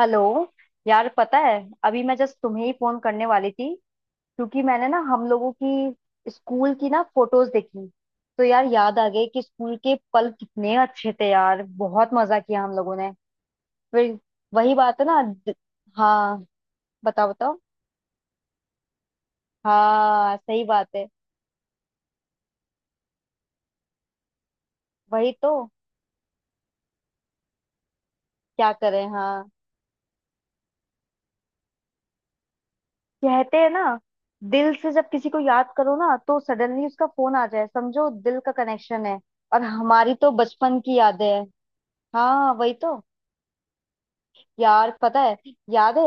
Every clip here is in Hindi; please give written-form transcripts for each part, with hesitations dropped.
हेलो। यार पता है, अभी मैं जस्ट तुम्हें ही फोन करने वाली थी, क्योंकि मैंने ना हम लोगों की स्कूल की ना फोटोज देखी। तो यार याद आ गए कि स्कूल के पल कितने अच्छे थे यार, बहुत मजा किया हम लोगों ने। फिर वही बात है ना हाँ। बताओ बताओ। हाँ सही बात है। वही तो, क्या करें हाँ। कहते हैं ना, दिल से जब किसी को याद करो ना तो सडनली उसका फोन आ जाए, समझो दिल का कनेक्शन है। और हमारी तो बचपन की यादें हैं। हाँ वही तो। यार पता है, याद है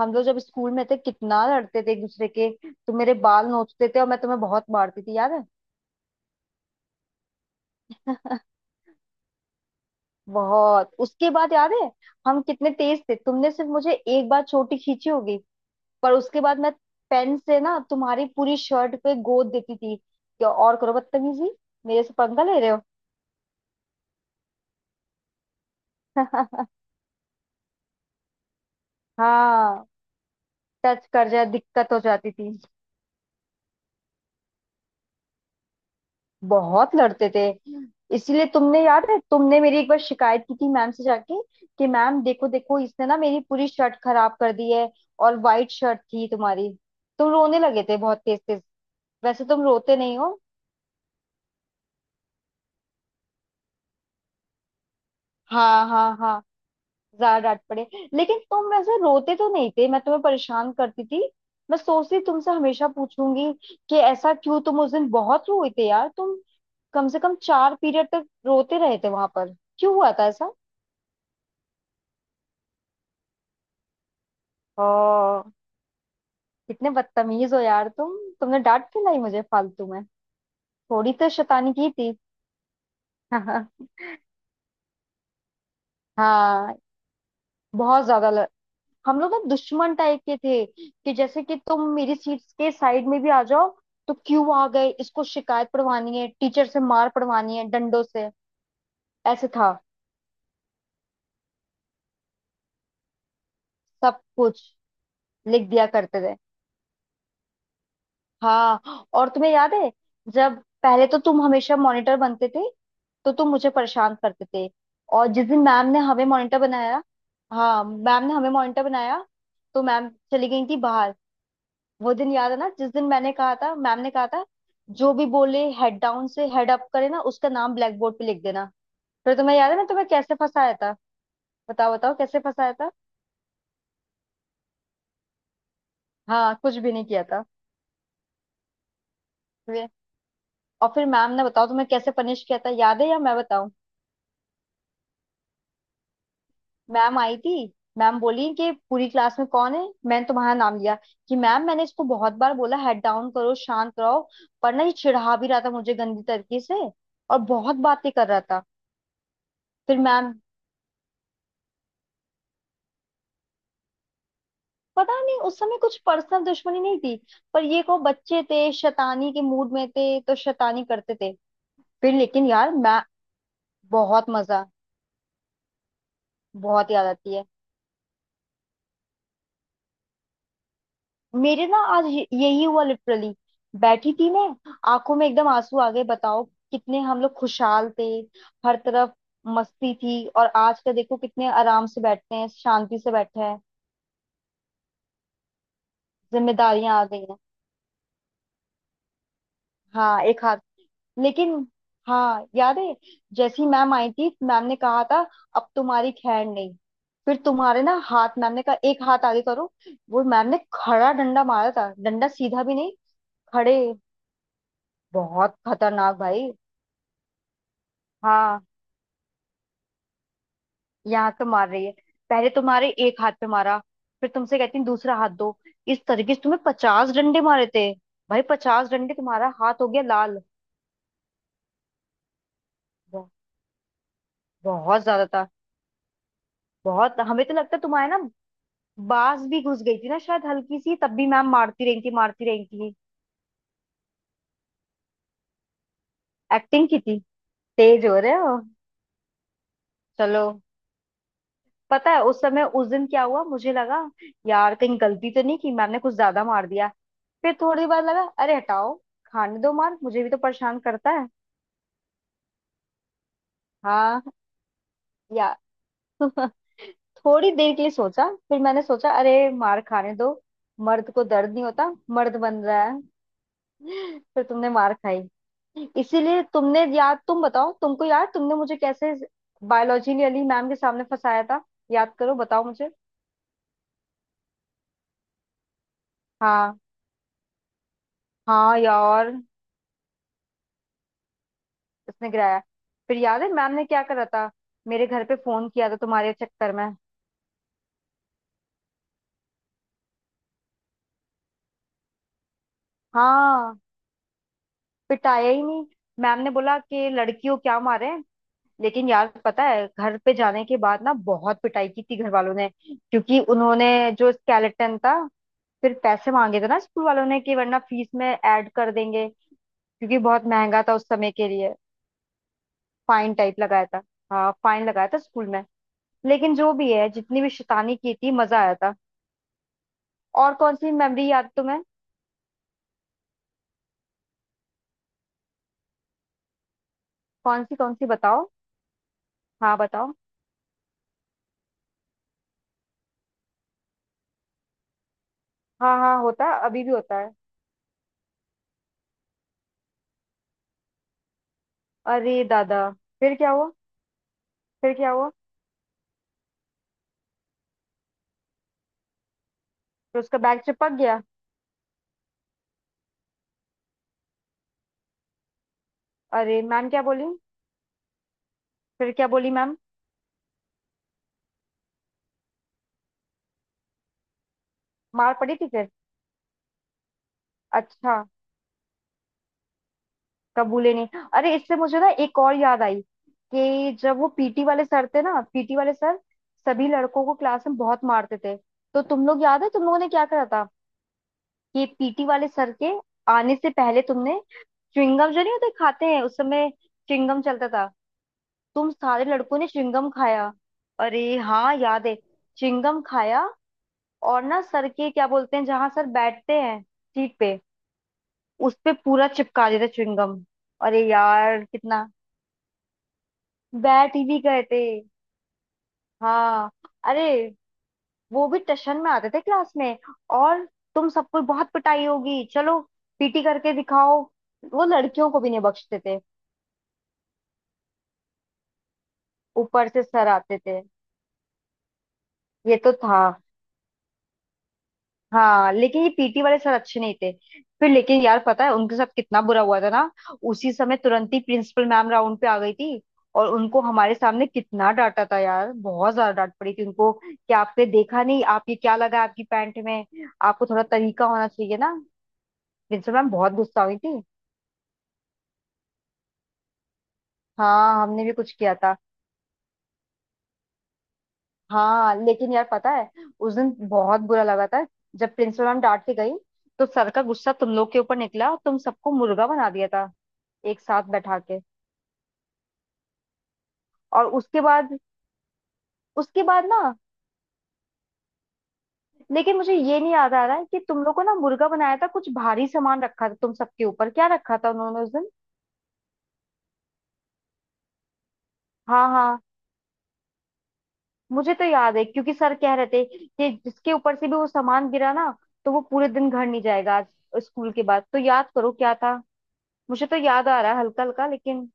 हम लोग जब स्कूल में थे कितना लड़ते थे एक दूसरे के, तुम मेरे बाल नोचते थे और मैं तुम्हें बहुत मारती थी, याद है। बहुत। उसके बाद याद है हम कितने तेज थे, तुमने सिर्फ मुझे एक बार चोटी खींची होगी, पर उसके बाद मैं पेन से ना तुम्हारी पूरी शर्ट पे गोद देती थी। क्या और करो बदतमीजी, मेरे से पंगा ले रहे हो। हाँ, टच कर जाए दिक्कत हो जाती थी। बहुत लड़ते थे। इसीलिए तुमने, याद है तुमने मेरी एक बार शिकायत की थी मैम से जाके, कि मैम देखो देखो इसने ना मेरी पूरी शर्ट खराब कर दी है। और वाइट शर्ट थी तुम्हारी, तुम रोने लगे थे बहुत तेज तेज। वैसे तुम रोते नहीं हो। हाँ हाँ हाँ, ज्यादा डांट पड़े। लेकिन तुम वैसे रोते तो नहीं थे, मैं तुम्हें परेशान करती थी। मैं सोचती तुमसे हमेशा पूछूंगी कि ऐसा क्यों, तुम उस दिन बहुत रोए थे यार तुम, कम से कम चार पीरियड तक रोते रहे थे वहां पर। क्यों हुआ था ऐसा। ओ, कितने बदतमीज हो यार तुम। तुमने डांट क्यों लाई मुझे फालतू में। थोड़ी तो शैतानी की थी। हाँ, बहुत ज्यादा हम लोग ना दुश्मन टाइप के थे, कि जैसे कि तुम मेरी सीट के साइड में भी आ जाओ तो क्यों आ गए, इसको शिकायत पढ़वानी है टीचर से, मार पढ़वानी है डंडों से। ऐसे था। सब कुछ लिख दिया करते थे। हाँ और तुम्हें याद है जब, पहले तो तुम हमेशा मॉनिटर बनते थे तो तुम मुझे परेशान करते थे। और जिस दिन मैम ने हमें मॉनिटर बनाया, हाँ मैम ने हमें मॉनिटर बनाया, तो मैम चली गई थी बाहर। वो दिन याद है ना, जिस दिन मैंने कहा था, मैम ने कहा था, जो भी बोले हेड डाउन से हेड अप करे ना उसका नाम ब्लैक बोर्ड पे लिख देना। फिर तुम्हें याद है मैं तुम्हें कैसे फंसाया था। बताओ बताओ कैसे फंसाया था। हाँ, कुछ भी नहीं किया था। वे- और फिर मैम ने, बताओ तुम्हें कैसे पनिश किया था, याद है या मैं बताऊं। मैम आई थी, मैम बोली कि पूरी क्लास में कौन है। मैंने तुम्हारा नाम लिया कि मैम मैंने इसको बहुत बार बोला हेड डाउन करो शांत रहो, पर ना ये चिढ़ा भी रहा था मुझे गंदी तरीके से और बहुत बातें कर रहा था। फिर मैम, पता नहीं उस समय कुछ पर्सनल दुश्मनी नहीं थी, पर ये को बच्चे थे, शैतानी के मूड में थे तो शैतानी करते थे। फिर लेकिन यार मैं, बहुत मजा, बहुत याद आती है। मेरे ना आज यही हुआ लिटरली, बैठी थी मैं, आंखों में एकदम आंसू आ गए, बताओ। कितने हम लोग खुशहाल थे, हर तरफ मस्ती थी। और आज का देखो, कितने आराम से बैठते हैं, शांति से बैठे हैं। जिम्मेदारियां आ गई हैं। हाँ, एक हाथ, लेकिन। हाँ याद है, जैसी मैम आई थी, मैम ने कहा था अब तुम्हारी खैर नहीं। फिर तुम्हारे ना हाथ, मैम ने कहा एक हाथ आगे करो। वो मैम ने खड़ा डंडा मारा था, डंडा सीधा भी नहीं, खड़े। बहुत खतरनाक भाई। हाँ, यहाँ पे मार रही है। पहले तुम्हारे एक हाथ पे मारा, फिर तुमसे कहती है दूसरा हाथ दो। इस तरीके से तुम्हें पचास डंडे मारे थे। भाई पचास डंडे, तुम्हारा हाथ हो गया लाल। ब- बहुत ज्यादा था। बहुत, हमें तो लगता है तुम्हारे ना बाज भी घुस गई थी ना शायद हल्की सी, तब भी मैम मारती रही थी, मारती रही थी। एक्टिंग की थी। तेज हो रहे हो। चलो, पता है उस समय, उस दिन क्या हुआ, मुझे लगा यार कहीं गलती तो नहीं की, मैम ने कुछ ज्यादा मार दिया। फिर थोड़ी बार लगा, अरे हटाओ, खाने दो मार, मुझे भी तो परेशान करता है। हाँ या। थोड़ी देर के लिए सोचा, फिर मैंने सोचा अरे मार खाने दो, मर्द को दर्द नहीं होता, मर्द बन रहा है। फिर तुमने मार खाई। इसीलिए तुमने याद, तुम बताओ, तुमको याद तुमने मुझे कैसे बायोलॉजी अली मैम के सामने फंसाया था, याद करो बताओ मुझे। हाँ हाँ यार, उसने गिराया। फिर याद है मैम ने क्या करा था, मेरे घर पे फोन किया था तुम्हारे चक्कर में। हाँ, पिटाया ही नहीं, मैम ने बोला कि लड़कियों क्या मारे। लेकिन यार पता है घर पे जाने के बाद ना बहुत पिटाई की थी घर वालों ने, क्योंकि उन्होंने जो स्केलेटन था, फिर पैसे मांगे थे ना स्कूल वालों ने, कि वरना फीस में ऐड कर देंगे, क्योंकि बहुत महंगा था उस समय के लिए। फाइन टाइप लगाया था, हाँ फाइन लगाया था स्कूल में। लेकिन जो भी है, जितनी भी शैतानी की थी, मजा आया था। और कौन सी मेमोरी याद तुम्हें। कौन सी बताओ। हाँ बताओ। हाँ हाँ होता है, अभी भी होता है। अरे दादा, फिर क्या हुआ। फिर क्या हुआ। फिर उसका बैग चिपक गया। अरे मैम क्या बोली। फिर क्या बोली मैम। मार पड़ी थी फिर। अच्छा, कबूले नहीं। अरे इससे मुझे ना एक और याद आई, कि जब वो पीटी वाले सर थे ना, पीटी वाले सर सभी लड़कों को क्लास में बहुत मारते थे। तो तुम लोग याद है तुम लोगों ने क्या करा था, कि पीटी वाले सर के आने से पहले तुमने च्युइंगम, जो नहीं होते खाते हैं उस समय, च्युइंगम चलता था, तुम सारे लड़कों ने च्युइंगम खाया। अरे हाँ याद है, च्युइंगम खाया। और ना सर के क्या बोलते हैं, जहां सर बैठते हैं, सीट पे, उस पे पूरा चिपका देता च्युइंगम। अरे यार कितना, बैठ ही भी गए थे। हाँ, अरे वो भी टशन में आते थे क्लास में और तुम सबको बहुत पिटाई होगी, चलो पीटी करके दिखाओ। वो लड़कियों को भी नहीं बख्शते थे। ऊपर से सर आते थे। ये तो था। हाँ लेकिन ये पीटी वाले सर अच्छे नहीं थे। फिर लेकिन यार पता है उनके साथ कितना बुरा हुआ था ना, उसी समय तुरंत ही प्रिंसिपल मैम राउंड पे आ गई थी, और उनको हमारे सामने कितना डांटा था यार, बहुत ज्यादा डांट पड़ी थी उनको, कि आपने देखा नहीं आप, ये क्या लगा आपकी पैंट में, आपको थोड़ा तरीका होना चाहिए ना। प्रिंसिपल मैम बहुत गुस्सा हुई थी। हाँ हमने भी कुछ किया था। हाँ लेकिन यार पता है उस दिन बहुत बुरा लगा था, जब प्रिंसिपल मैम डांट के गई तो सर का गुस्सा तुम लोग के ऊपर निकला, तुम सबको मुर्गा बना दिया था एक साथ बैठा के। और उसके बाद, उसके बाद ना, लेकिन मुझे ये नहीं याद आ रहा है कि तुम लोग को ना मुर्गा बनाया था, कुछ भारी सामान रखा था तुम सबके ऊपर, क्या रखा था उन्होंने उस दिन। हाँ हाँ, मुझे तो याद है क्योंकि सर कह रहे थे कि जिसके ऊपर से भी वो सामान गिरा ना, तो वो पूरे दिन घर नहीं जाएगा आज, स्कूल के बाद तो, याद करो क्या था। मुझे तो याद आ रहा है हल्का हल्का, लेकिन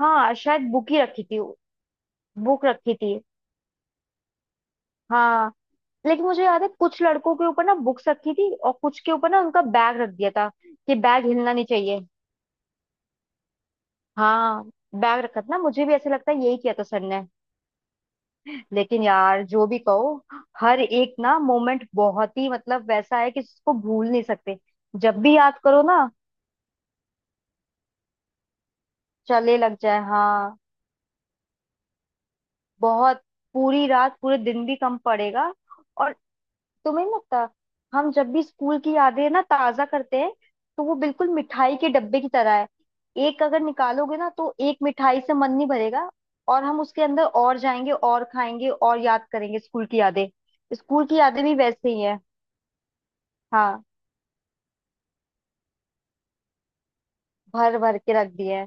हाँ शायद बुक ही रखी थी। बुक रखी थी हाँ। लेकिन मुझे याद है कुछ लड़कों के ऊपर ना बुक्स रखी थी और कुछ के ऊपर ना उनका बैग रख दिया था, कि बैग हिलना नहीं चाहिए। हाँ बैग रखा था ना, मुझे भी ऐसे लगता है यही किया था सर ने। लेकिन यार जो भी कहो, हर एक ना मोमेंट बहुत ही मतलब वैसा है कि इसको भूल नहीं सकते। जब भी याद करो ना, चले लग जाए हाँ, बहुत, पूरी रात पूरे दिन भी कम पड़ेगा। और तुम्हें नहीं लगता, हम जब भी स्कूल की यादें ना ताजा करते हैं, तो वो बिल्कुल मिठाई के डब्बे की तरह है। एक अगर निकालोगे ना तो एक मिठाई से मन नहीं भरेगा, और हम उसके अंदर और जाएंगे और खाएंगे और याद करेंगे स्कूल की यादें। स्कूल की यादें भी वैसे ही है। हाँ, भर भर के रख दिए है।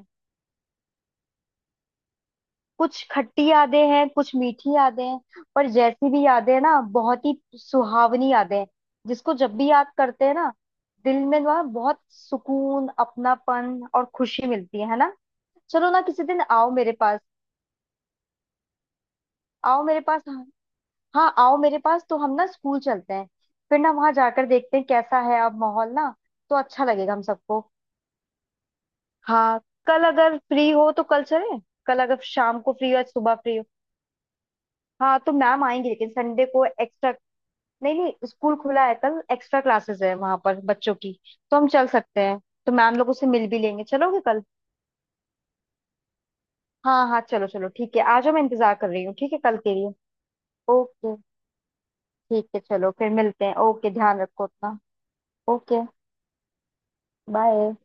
कुछ खट्टी यादें हैं, कुछ मीठी यादें हैं, पर जैसी भी यादें हैं ना, बहुत ही सुहावनी यादें हैं, जिसको जब भी याद करते हैं ना, दिल में ना बहुत सुकून, अपनापन और खुशी मिलती है ना। चलो ना किसी दिन आओ मेरे पास। आओ मेरे पास। हाँ आओ मेरे पास तो हम ना स्कूल चलते हैं, फिर ना वहां जाकर देखते हैं कैसा है अब माहौल ना, तो अच्छा लगेगा हम सबको। हाँ, कल अगर फ्री हो तो कल चले, कल अगर शाम को फ्री हो या सुबह फ्री हो। हाँ तो मैम आएंगी लेकिन संडे को एक्स्ट्रा। नहीं नहीं स्कूल खुला है, कल एक्स्ट्रा क्लासेस है वहां पर बच्चों की, तो हम चल सकते हैं, तो मैम लोग उससे मिल भी लेंगे, चलोगे कल। हाँ हाँ चलो चलो, ठीक है आ जाओ, मैं इंतजार कर रही हूँ, ठीक है कल के लिए। ओके, ठीक है चलो फिर मिलते हैं, ओके ध्यान रखो अपना। Okay, bye.